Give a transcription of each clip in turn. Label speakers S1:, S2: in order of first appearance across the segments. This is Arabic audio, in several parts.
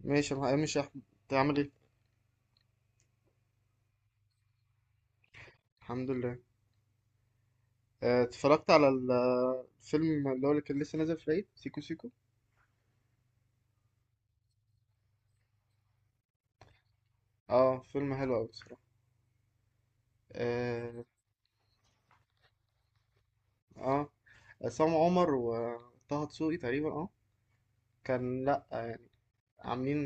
S1: ماشي، انا مش احمد. تعمل ايه؟ الحمد لله. اتفرجت على الفيلم اللي كان لسه نازل في العيد، سيكو سيكو. اه، فيلم حلو قوي بصراحه. اه. اه، عصام عمر وطه دسوقي تقريبا. اه، كان لا آه، عاملين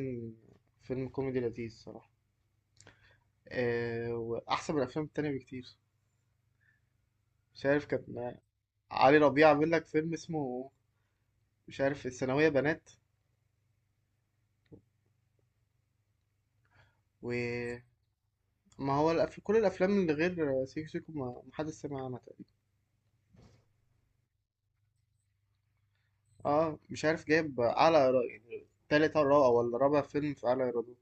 S1: فيلم كوميدي لذيذ صراحه. واحسن من الافلام التانية بكتير. مش عارف، كان علي ربيع عامل لك فيلم اسمه، مش عارف، الثانويه بنات. وما هو كل الافلام اللي غير سيكو سيكو ما حدش سمع عنها تقريبا. اه، مش عارف، جايب اعلى يعني تالت او رابع، ولا رابع فيلم في اعلى ايرادات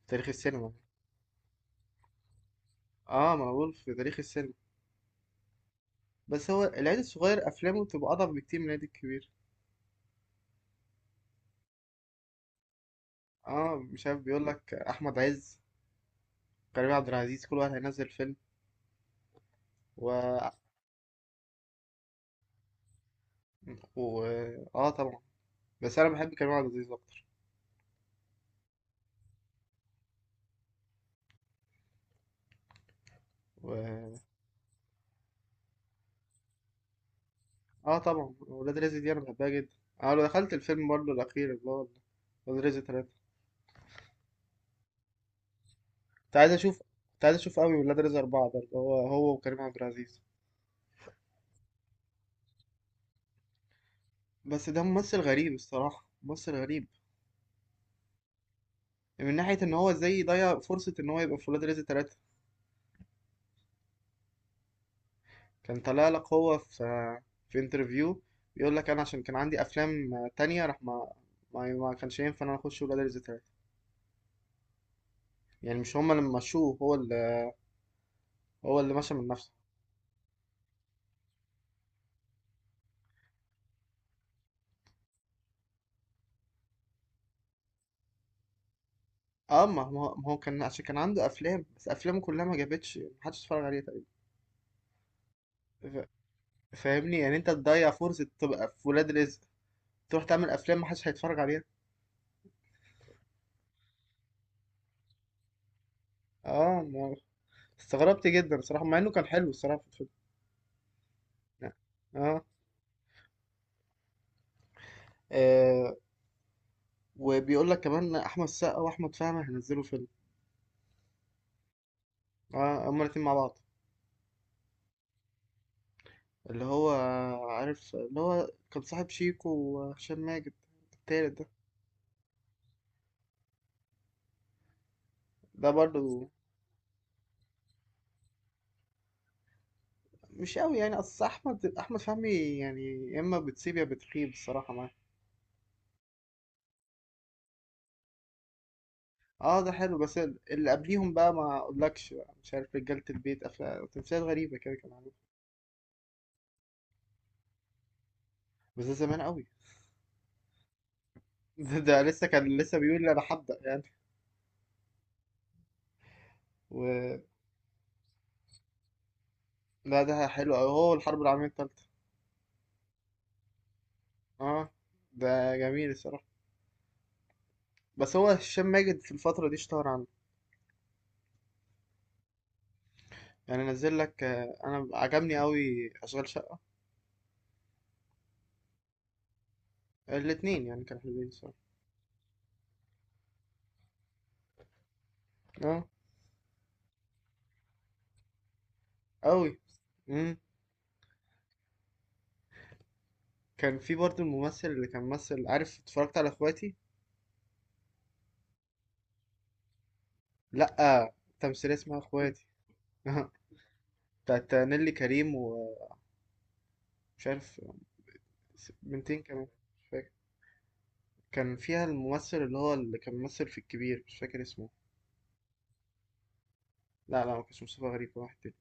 S1: في تاريخ السينما. اه، ما أنا بقول في تاريخ السينما. بس هو العيد الصغير افلامه بتبقى اضعف بكتير من العيد الكبير. اه، مش عارف، بيقول لك احمد عز، كريم عبد العزيز، كل واحد هينزل فيلم و... و... اه، طبعا. بس انا بحب كريم عبد العزيز اكتر. و... اه، طبعا، ولاد رزق دي انا بحبها جدا. اه، لو دخلت الفيلم برضه الاخير، اللي هو ولاد رزق تلاتة. كنت عايز اشوف كنت عايز اشوف قوي ولاد رزق اربعة، ده اللي هو هو وكريم عبد العزيز. بس ده ممثل غريب الصراحة، ممثل غريب. من ناحية ان هو ازاي ضيع فرصة ان هو يبقى في ولاد رزق تلاتة. كان طلع لك هو في في انترفيو بيقول لك، انا عشان كان عندي افلام تانية، راح ما كانش ينفع ان انا اخش ولاد رزق تلاتة. يعني مش هما اللي مشوه، هو اللي مشى من نفسه. اه، ما هو كان عشان كان عنده افلام، بس افلامه كلها ما جابتش محدش اتفرج عليها تقريبا. ف- فاهمني، يعني انت تضيع فرصة تبقى في ولاد رزق تروح تعمل افلام محدش هيتفرج عليها. اه، استغربت جدا صراحة مع انه كان حلو الصراحة في الفيلم يعني. اه, آه. وبيقول لك كمان احمد السقا واحمد فهمي هينزلوا فيلم. اه، هما الاتنين مع بعض، اللي هو عارف اللي هو كان صاحب شيكو وهشام ماجد، التالت ده. ده برضه مش قوي، يعني اصل احمد فهمي، يعني يا اما بتسيب يا بتخيب الصراحة معاه. اه، ده حلو، بس اللي قبليهم بقى ما اقولكش بقى. مش عارف، رجالة البيت، افلام تمثيلات غريبة كده كان عامل. بس ده زمان قوي. ده لسه، كان لسه بيقول انا هبدأ يعني. و... لا ده حلو أوي، هو الحرب العالمية التالتة. اه، ده جميل الصراحة. بس هو هشام ماجد في الفترة دي اشتهر عنه، يعني نزل لك، أنا عجبني أوي أشغال شقة. الاتنين يعني كانوا حلوين الصراحة. اه. أوي. مم. كان في برضه الممثل اللي كان ممثل، عارف، اتفرجت على اخواتي؟ لأ، تمثيلية اسمها اخواتي. بتاعت نيلي كريم ومش عارف، بنتين كمان، مش فاكر. كان فيها الممثل اللي هو اللي كان ممثل في الكبير، مش فاكر اسمه. لا لا، ما كانش مصطفى غريب، واحد تاني.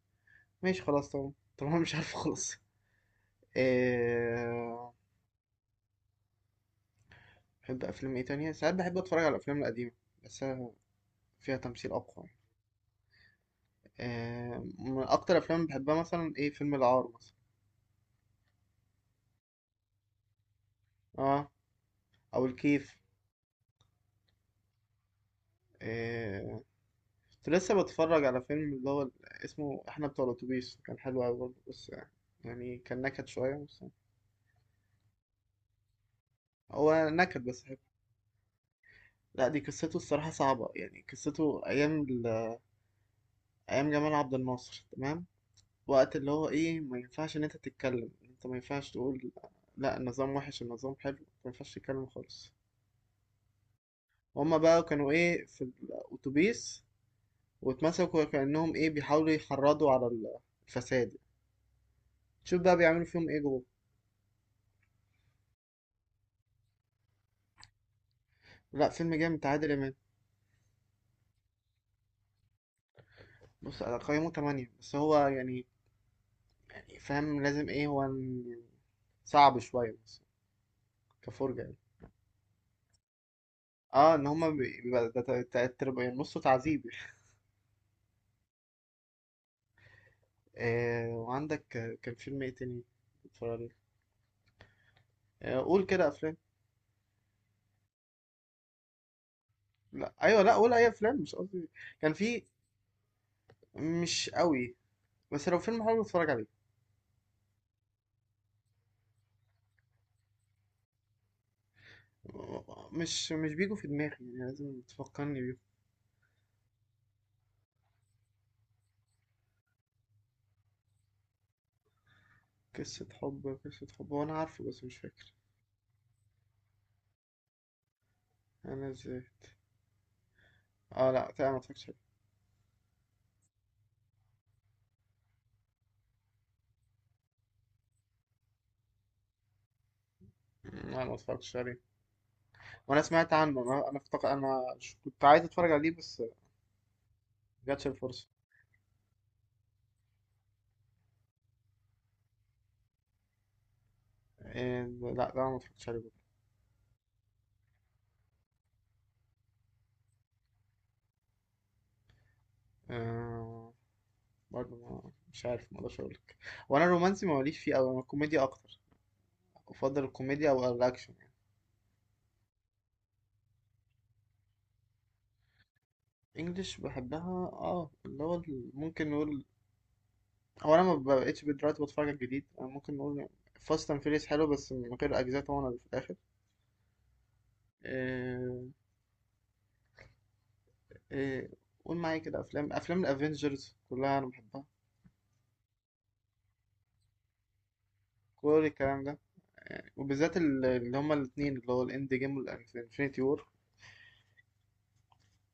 S1: ماشي خلاص. طبعا طبعا، مش عارف خالص. آه، بحب افلام ايه تانية؟ ساعات بحب اتفرج على الافلام القديمة، بس فيها تمثيل اقوى يعني. من اكتر افلام بحبها مثلا، ايه، فيلم العار مثلا. اه، او الكيف. آه، كنت لسه بتفرج على فيلم اللي هو اسمه احنا بتوع الاتوبيس، كان حلو قوي برضه، بس يعني كان نكد شوية بس. هو نكد بس حلو. لا، دي قصته الصراحة صعبة، يعني قصته أيام أيام جمال عبد الناصر، تمام، وقت اللي هو ايه ما ينفعش ان انت تتكلم، انت ما ينفعش تقول لا النظام وحش، النظام حلو، ما ينفعش تتكلم خالص. هما بقى كانوا ايه في الاتوبيس، واتمسكوا كأنهم ايه بيحاولوا يحرضوا على الفساد. شوف بقى بيعملوا فيهم ايه جوه. لا، فيلم جامد بتاع عادل امام. بص، انا قيمه 8، بس هو يعني، يعني فاهم لازم ايه هو صعب شويه، بس كفرجه يعني. اه، ان هما بيبقى ده يعني نصه تعذيب. آه وعندك، كان فيلم ايه تاني اتفرج عليه. قول كده افلام. لا ايوه، لا قول اي افلام مش قصدي. كان في، مش قوي، بس لو فيلم حلو اتفرج عليه. مش بيجوا في دماغي، يعني لازم تفكرني بيه. قصة حب، قصة حب وانا عارفه بس مش فاكر انا ازاي. اه، لا تمام، ما اتفرجتش عليه. لا، ما اتفرجتش عليه. وانا سمعت عنه، انا افتكر انا كنت عايز اتفرج عليه بس ما جاتش الفرصة. إيه، لا لا، ما اتفرجتش عليه برضه. آه برضه مش عارف، ما اقدرش اقول لك. وانا الرومانسي ماليش فيه قوي، انا الكوميديا اكتر. أفضل الكوميديا أو الأكشن يعني. إنجلش بحبها. اه، اللي هو ممكن نقول، هو أنا ما بقتش دلوقتي بتفرج على الجديد، أنا ممكن نقول فاست أند فيريس حلو، بس من غير أجزاء طبعا اللي في الآخر. آه، آه، قول معايا كده، أفلام، أفلام الأفينجرز كلها أنا بحبها. كل الكلام ده، وبالذات اللي هما الاتنين، اللي هو الإند جيم والإنفينيتي وور.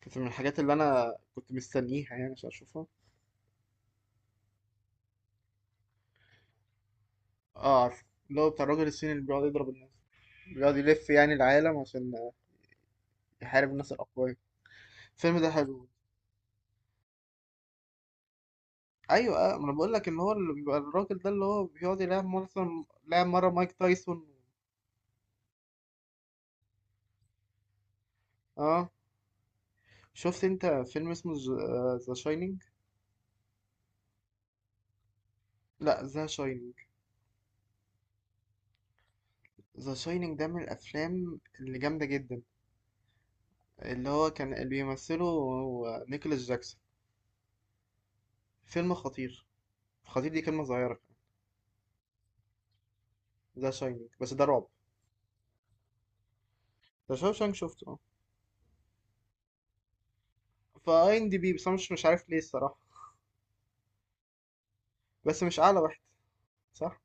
S1: كانت من الحاجات اللي أنا كنت مستنيها يعني عشان أشوفها. اه، عارف، اللي هو بتاع الراجل الصيني اللي بيقعد يضرب الناس، بيقعد يلف يعني العالم عشان يحارب الناس الأقوياء. الفيلم ده حلو. ايوه، ما انا بقول لك ان هو اللي بيبقى الراجل ده اللي هو بيقعد يلعب، مثلا لعب مره مايك تايسون. اه، شفت انت فيلم اسمه ذا شاينينج؟ لا، ذا شاينينج. ذا شاينينج ده من الافلام اللي جامده جدا، اللي هو كان اللي بيمثله هو نيكولاس جاكسون. فيلم خطير. خطير دي كلمه صغيره. ذا شاينينج، بس ده رعب. ذا شاينينج شفته، اه. فاي ام دي بي، بس انا مش عارف ليه الصراحه. بس مش اعلى واحد، صح.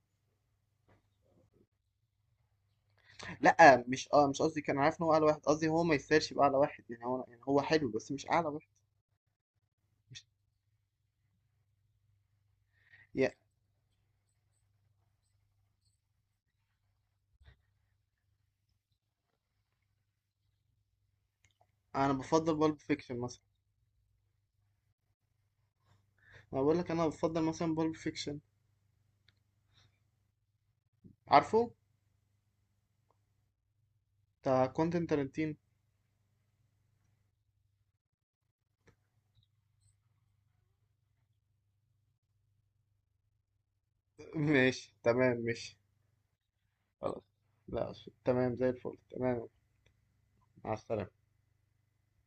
S1: لا، مش قصدي، كان عارف ان هو اعلى واحد، قصدي هو ما يسيرش باعلى واحد، يعني هو يعني هو حلو بس مش اعلى واحد. مش يعني، انا بفضل بالب فيكشن مثلا. انا بقول لك، انا بفضل مثلا بالب فيكشن، عارفه، بتاع كوينتين تارانتينو. ماشي تمام ماشي. خلاص. لا. تمام زي الفل، تمام. مع السلامة.